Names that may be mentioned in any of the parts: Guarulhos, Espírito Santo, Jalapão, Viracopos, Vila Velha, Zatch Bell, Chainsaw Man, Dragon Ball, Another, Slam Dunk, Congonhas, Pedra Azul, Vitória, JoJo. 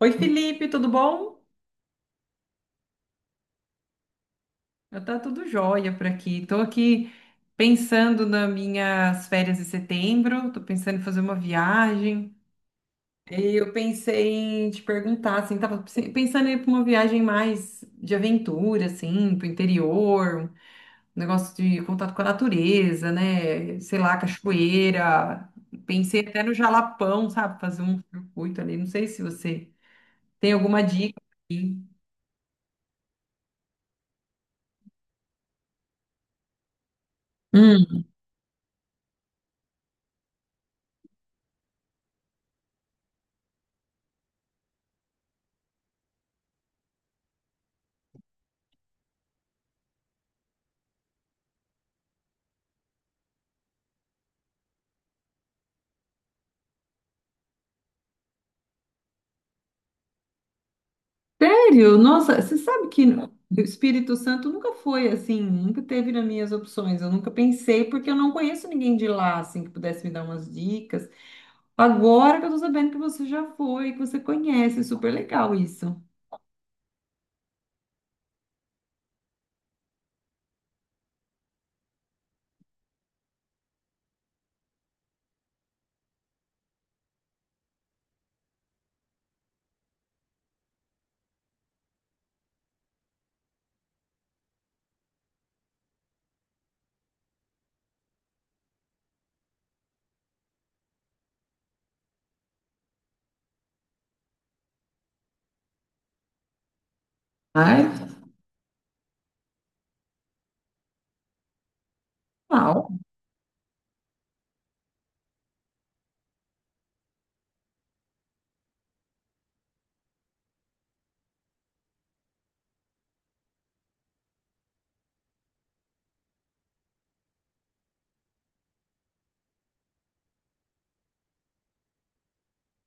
Oi, Felipe, tudo bom? Eu tá tudo jóia por aqui. Tô aqui pensando nas minhas férias de setembro, tô pensando em fazer uma viagem. E eu pensei em te perguntar, assim, tava pensando em ir para uma viagem mais de aventura, assim, pro interior, um negócio de contato com a natureza, né? Sei lá, cachoeira. Pensei até no Jalapão, sabe? Fazer um circuito ali. Não sei se você tem alguma dica aqui. Sério? Nossa, você sabe que o Espírito Santo nunca foi assim, nunca teve nas minhas opções. Eu nunca pensei, porque eu não conheço ninguém de lá, assim, que pudesse me dar umas dicas. Agora que eu tô sabendo que você já foi, que você conhece, super legal isso. Ai, uau.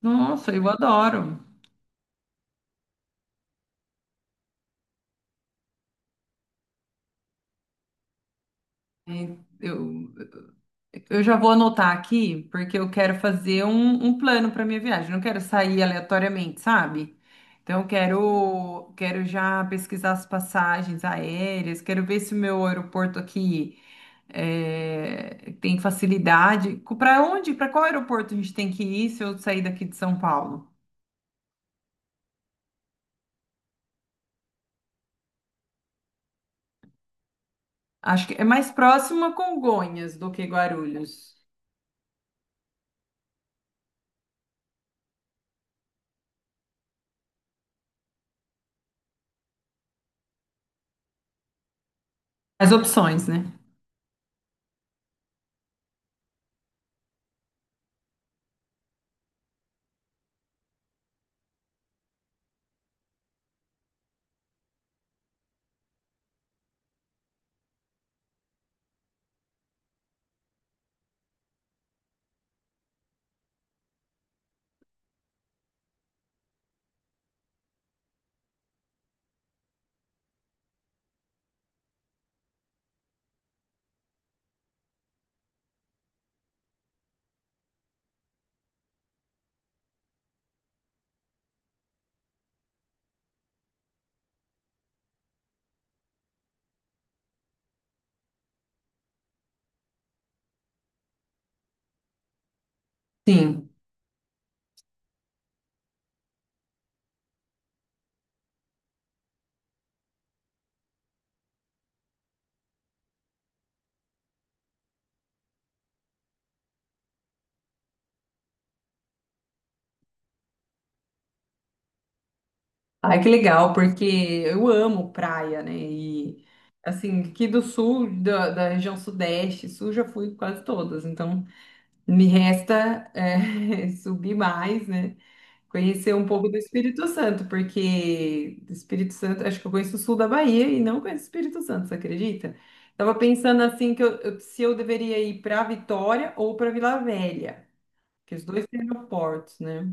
Nossa, eu adoro. É, eu já vou anotar aqui, porque eu quero fazer um plano para minha viagem. Não quero sair aleatoriamente, sabe? Então, eu quero, quero já pesquisar as passagens aéreas, quero ver se o meu aeroporto aqui tem facilidade. Para onde? Para qual aeroporto a gente tem que ir se eu sair daqui de São Paulo? Acho que é mais próximo a Congonhas do que Guarulhos. As opções, né? Sim. Ai, que legal, porque eu amo praia, né? E assim, aqui do sul, da região sudeste, sul já fui quase todas, então me resta subir mais, né? Conhecer um pouco do Espírito Santo, porque do Espírito Santo, acho que eu conheço o sul da Bahia e não conheço o Espírito Santo, você acredita? Tava pensando assim que se eu deveria ir para Vitória ou para Vila Velha, que os dois têm aeroportos, né?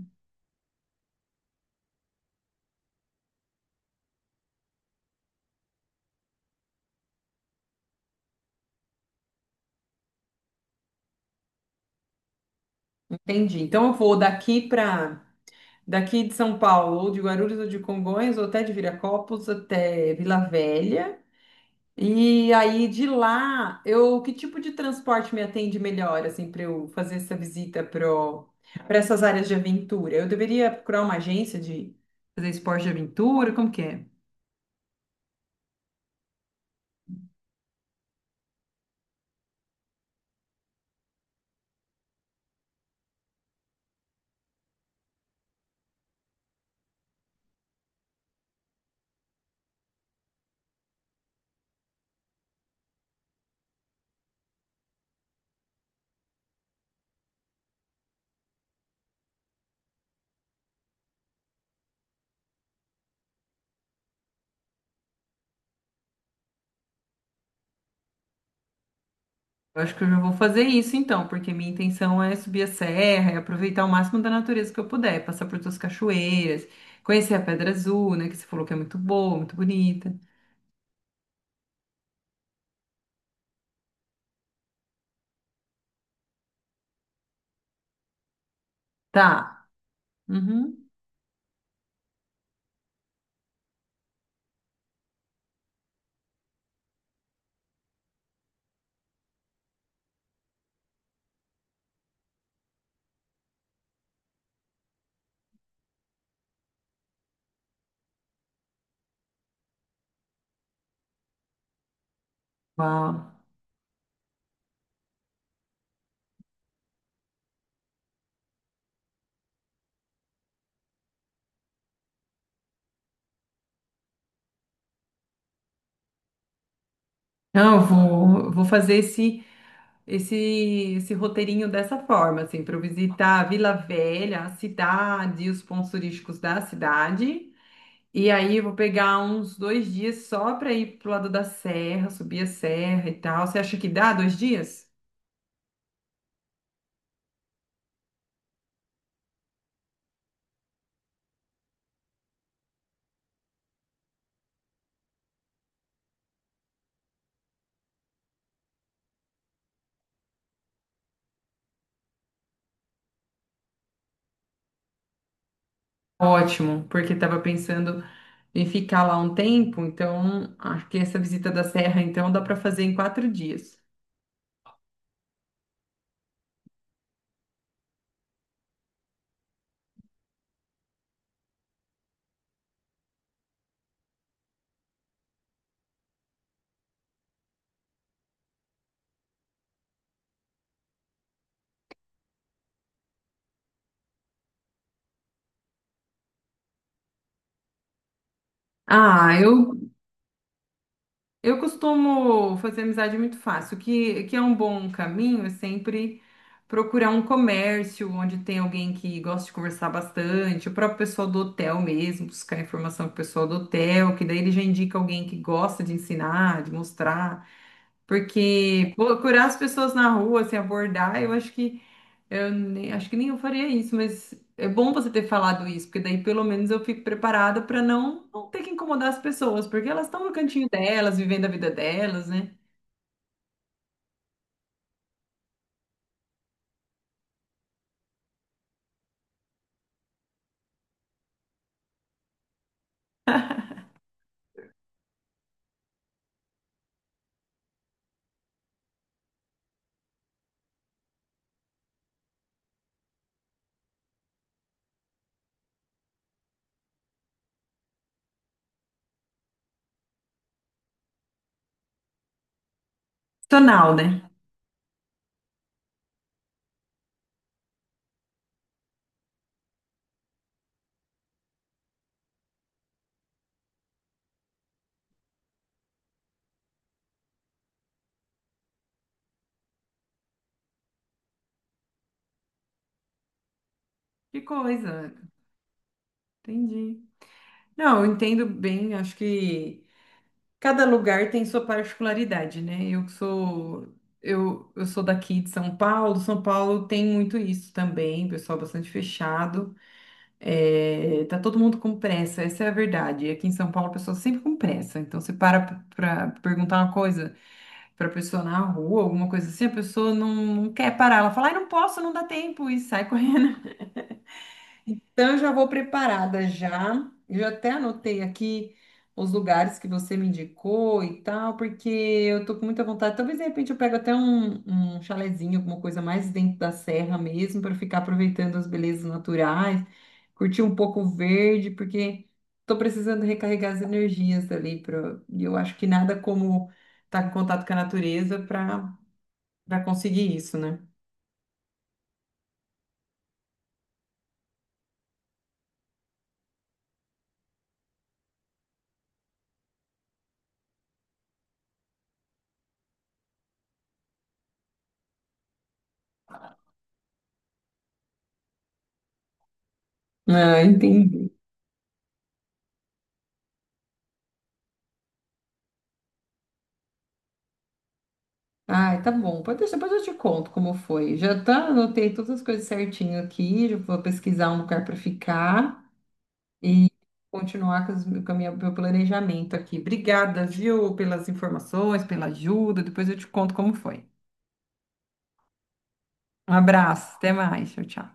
Entendi. Então eu vou daqui para daqui de São Paulo, ou de Guarulhos, ou de Congonhas, ou até de Viracopos, até Vila Velha. E aí de lá, eu que tipo de transporte me atende melhor, assim, para eu fazer essa visita para essas áreas de aventura? Eu deveria procurar uma agência de fazer esporte de aventura? Como que é? Eu acho que eu já vou fazer isso então, porque minha intenção é subir a serra, é aproveitar o máximo da natureza que eu puder, passar por todas as cachoeiras, conhecer a Pedra Azul, né, que você falou que é muito boa, muito bonita. Tá. Uhum. Uau. Não, eu vou, vou fazer esse, esse roteirinho dessa forma, assim, para eu visitar a Vila Velha, a cidade, os pontos turísticos da cidade. E aí eu vou pegar uns dois dias só para ir pro lado da serra, subir a serra e tal. Você acha que dá dois dias? Ótimo, porque estava pensando em ficar lá um tempo, então acho que essa visita da serra, então, dá para fazer em quatro dias. Ah, eu costumo fazer amizade muito fácil, que é um bom caminho, é sempre procurar um comércio onde tem alguém que gosta de conversar bastante, o próprio pessoal do hotel mesmo, buscar informação com o pessoal do hotel, que daí ele já indica alguém que gosta de ensinar, de mostrar, porque procurar as pessoas na rua, se abordar, eu acho que eu nem, acho que nem eu faria isso, mas é bom você ter falado isso, porque daí pelo menos eu fico preparada para não, não ter que incomodar as pessoas, porque elas estão no cantinho delas, vivendo a vida delas, né? Tonal, né? Que coisa. Entendi. Não, eu entendo bem, acho que cada lugar tem sua particularidade, né? Eu sou daqui de São Paulo, São Paulo tem muito isso também, pessoal bastante fechado. É, tá todo mundo com pressa, essa é a verdade. Aqui em São Paulo, a pessoa sempre com pressa. Então, você para perguntar uma coisa para pessoa na rua, alguma coisa assim, a pessoa não, não quer parar. Ela fala, ai, não posso, não dá tempo, e sai correndo. Então, eu já vou preparada já. Eu já até anotei aqui os lugares que você me indicou e tal, porque eu tô com muita vontade. Talvez, de repente, eu pego até um chalezinho, alguma coisa mais dentro da serra mesmo, para ficar aproveitando as belezas naturais, curtir um pouco o verde, porque tô precisando recarregar as energias ali. Pra... E eu acho que nada como estar em contato com a natureza para conseguir isso, né? Ah, entendi. Ai, tá bom. Pode deixar, depois eu te conto como foi. Já tá, anotei todas as coisas certinho aqui. Já vou pesquisar um lugar para ficar e continuar com meu planejamento aqui. Obrigada, viu, pelas informações, pela ajuda. Depois eu te conto como foi. Um abraço, até mais. Tchau, tchau.